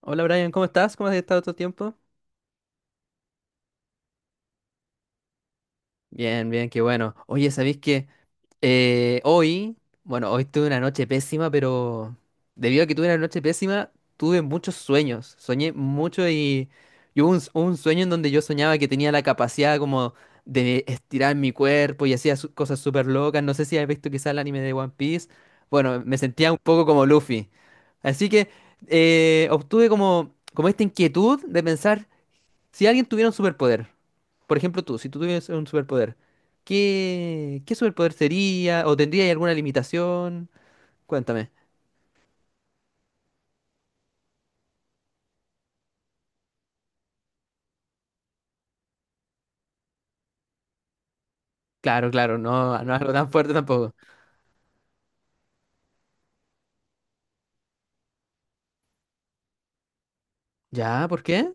Hola Brian, ¿cómo estás? ¿Cómo has estado todo el tiempo? Bien, bien, qué bueno. Oye, ¿sabéis que hoy, bueno, hoy tuve una noche pésima, pero debido a que tuve una noche pésima, tuve muchos sueños. Soñé mucho y hubo un sueño en donde yo soñaba que tenía la capacidad como de estirar mi cuerpo y hacía cosas súper locas. No sé si has visto quizás el anime de One Piece. Bueno, me sentía un poco como Luffy. Así que obtuve como esta inquietud de pensar si alguien tuviera un superpoder. Por ejemplo, tú, si tú tuvieras un superpoder, ¿qué superpoder sería? ¿O tendría alguna limitación? Cuéntame. Claro, claro, no, no algo tan fuerte tampoco. ¿Ya? ¿Por qué?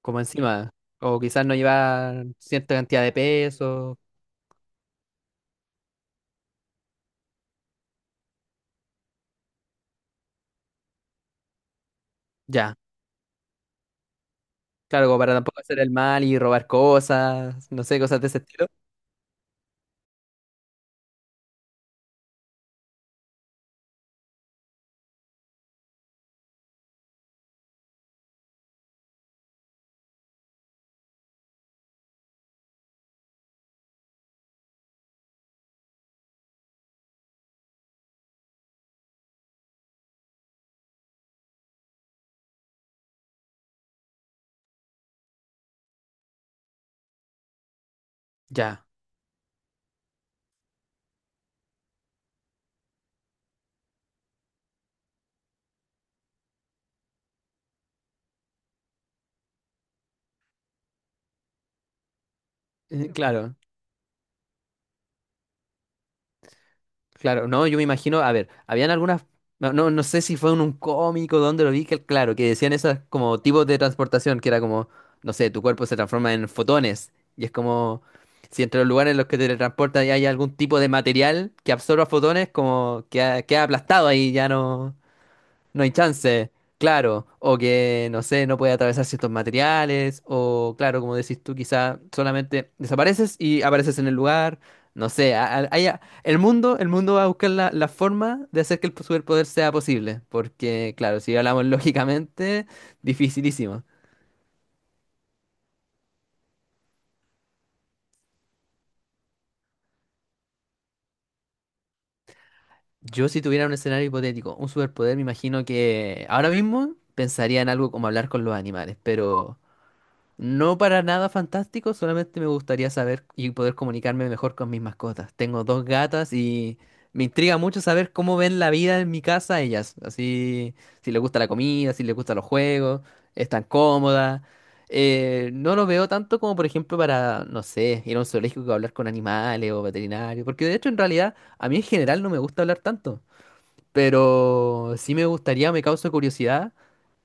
Como encima. O quizás no llevar cierta cantidad de peso. Ya. Claro, como para tampoco hacer el mal y robar cosas, no sé, cosas de ese estilo. Ya. Claro. Claro, no, yo me imagino, a ver, habían algunas, no, no sé si fue en un cómico donde lo vi, que claro, que decían esas como tipos de transportación, que era como, no sé, tu cuerpo se transforma en fotones, y es como, si entre los lugares en los que te transportas y hay algún tipo de material que absorba fotones, como que queda aplastado ahí, ya no, no hay chance, claro, o que, no sé, no puede atravesar ciertos materiales, o claro, como decís tú, quizá solamente desapareces y apareces en el lugar, no sé, el mundo va a buscar la forma de hacer que el superpoder sea posible, porque claro, si hablamos lógicamente, dificilísimo. Yo si tuviera un escenario hipotético, un superpoder, me imagino que ahora mismo pensaría en algo como hablar con los animales, pero... No para nada fantástico, solamente me gustaría saber y poder comunicarme mejor con mis mascotas. Tengo dos gatas y me intriga mucho saber cómo ven la vida en mi casa ellas. Así, si les gusta la comida, si les gustan los juegos, están cómodas. No lo veo tanto como, por ejemplo, para, no sé, ir a un zoológico a hablar con animales o veterinario, porque de hecho, en realidad, a mí en general no me gusta hablar tanto. Pero sí me gustaría, me causa curiosidad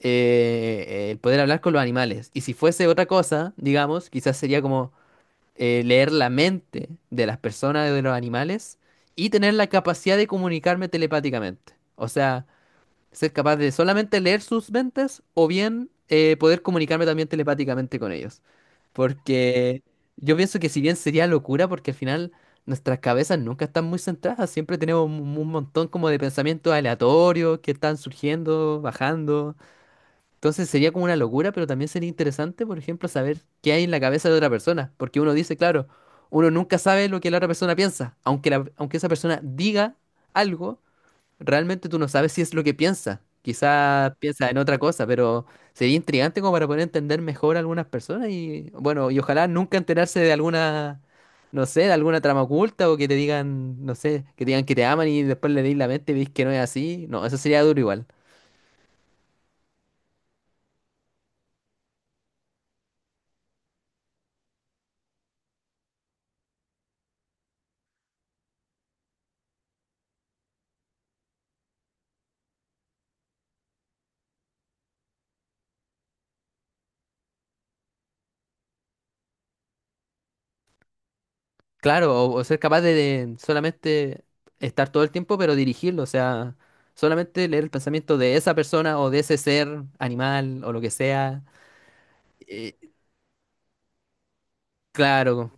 el poder hablar con los animales. Y si fuese otra cosa, digamos, quizás sería como leer la mente de las personas, de los animales, y tener la capacidad de comunicarme telepáticamente. O sea, ser capaz de solamente leer sus mentes o bien poder comunicarme también telepáticamente con ellos. Porque yo pienso que si bien sería locura, porque al final nuestras cabezas nunca están muy centradas, siempre tenemos un montón como de pensamientos aleatorios que están surgiendo, bajando. Entonces sería como una locura, pero también sería interesante, por ejemplo, saber qué hay en la cabeza de otra persona. Porque uno dice, claro, uno nunca sabe lo que la otra persona piensa, aunque esa persona diga algo. Realmente tú no sabes si es lo que piensa. Quizás piensa en otra cosa, pero sería intrigante como para poder entender mejor a algunas personas y bueno, y ojalá nunca enterarse de alguna, no sé, de alguna trama oculta o que te digan, no sé, que te digan que te aman y después le di la mente y veis que no es así. No, eso sería duro igual. Claro, o ser capaz de solamente estar todo el tiempo, pero dirigirlo, o sea, solamente leer el pensamiento de esa persona o de ese ser, animal o lo que sea. Eh, claro.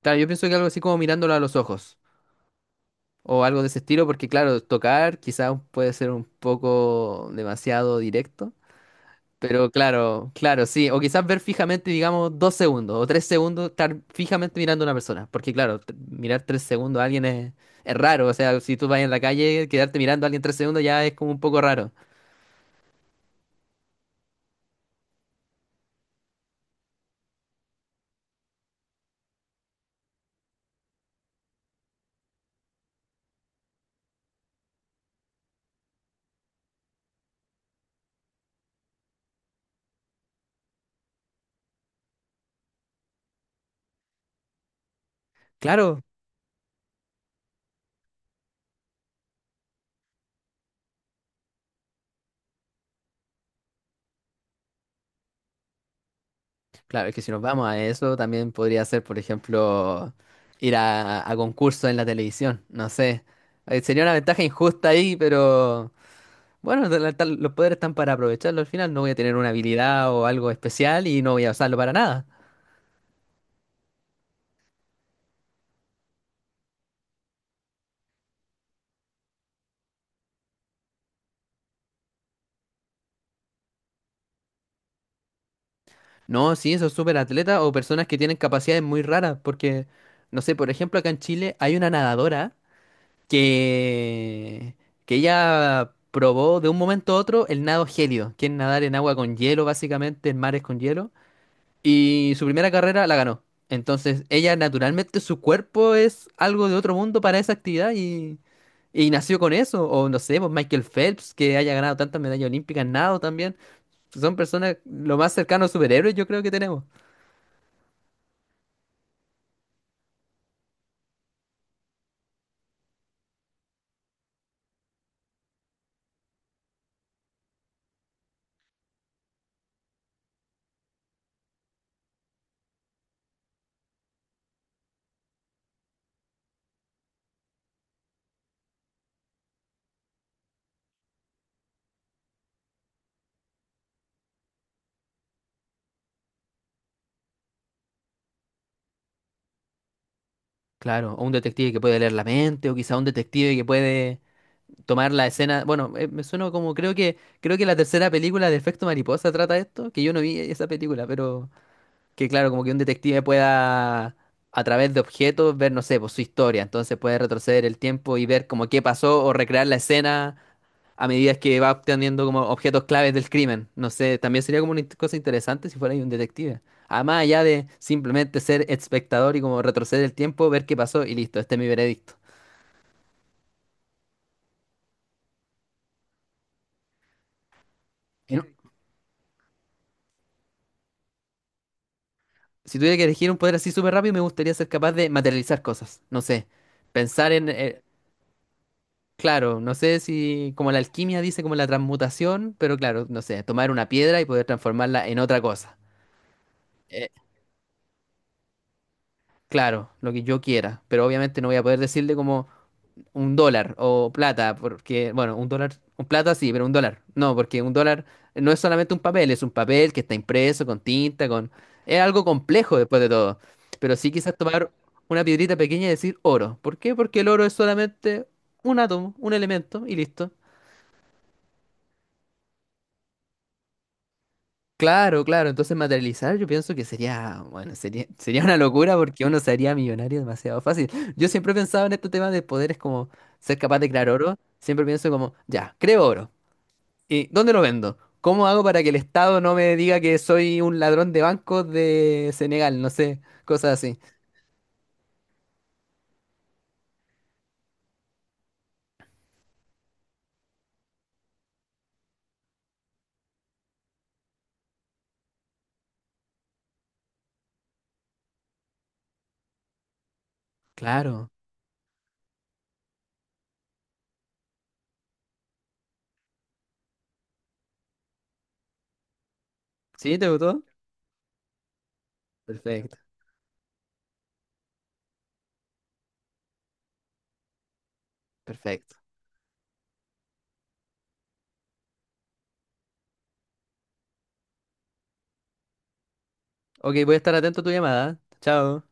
Claro, yo pienso que algo así como mirándolo a los ojos o algo de ese estilo, porque claro, tocar quizás puede ser un poco demasiado directo, pero claro, claro, sí, o quizás ver fijamente, digamos, dos segundos o tres segundos, estar fijamente mirando a una persona, porque claro, mirar tres segundos a alguien es raro, o sea, si tú vas en la calle, quedarte mirando a alguien tres segundos ya es como un poco raro. Claro, claro, es que si nos vamos a eso, también podría ser, por ejemplo, ir a concursos en la televisión, no sé. Sería una ventaja injusta ahí, pero bueno, los poderes están para aprovecharlo al final. No voy a tener una habilidad o algo especial y no voy a usarlo para nada. No, sí, esos súper atletas o personas que tienen capacidades muy raras, porque, no sé, por ejemplo, acá en Chile hay una nadadora que, que ella probó de un momento a otro el nado gélido, que es nadar en agua con hielo, básicamente, en mares con hielo. Y su primera carrera la ganó. Entonces, ella naturalmente, su cuerpo es algo de otro mundo para esa actividad y nació con eso. O no sé, pues Michael Phelps, que haya ganado tantas medallas olímpicas, nado también. Son personas lo más cercano a superhéroes yo creo que tenemos. Claro, o un detective que puede leer la mente, o quizá un detective que puede tomar la escena. Bueno, me suena como creo que la tercera película de Efecto Mariposa trata esto, que yo no vi esa película, pero que claro, como que un detective pueda a través de objetos ver, no sé, pues su historia. Entonces puede retroceder el tiempo y ver como qué pasó o recrear la escena a medida que va obteniendo como objetos claves del crimen. No sé, también sería como una cosa interesante si fuera ahí un detective. Además allá de simplemente ser espectador y como retroceder el tiempo, ver qué pasó y listo, este es mi veredicto. Y no- si tuviera que elegir un poder así súper rápido, me gustaría ser capaz de materializar cosas. No sé, pensar en... claro, no sé si como la alquimia dice como la transmutación, pero claro, no sé, tomar una piedra y poder transformarla en otra cosa. Eh, claro, lo que yo quiera, pero obviamente no voy a poder decirle como un dólar o plata, porque, bueno, un dólar, un plata sí, pero un dólar, no, porque un dólar no es solamente un papel, es un papel que está impreso con tinta, con... Es algo complejo después de todo, pero sí quizás tomar una piedrita pequeña y decir oro. ¿Por qué? Porque el oro es solamente un átomo, un elemento y listo. Claro, claro. Entonces materializar yo pienso que sería, bueno, sería, sería una locura porque uno se haría millonario demasiado fácil. Yo siempre he pensado en este tema de poderes como ser capaz de crear oro. Siempre pienso como, ya, creo oro. ¿Y dónde lo vendo? ¿Cómo hago para que el Estado no me diga que soy un ladrón de bancos de Senegal? No sé, cosas así. Claro. ¿Sí? ¿Te gustó? Perfecto, perfecto. Ok, voy a estar atento a tu llamada. Chao.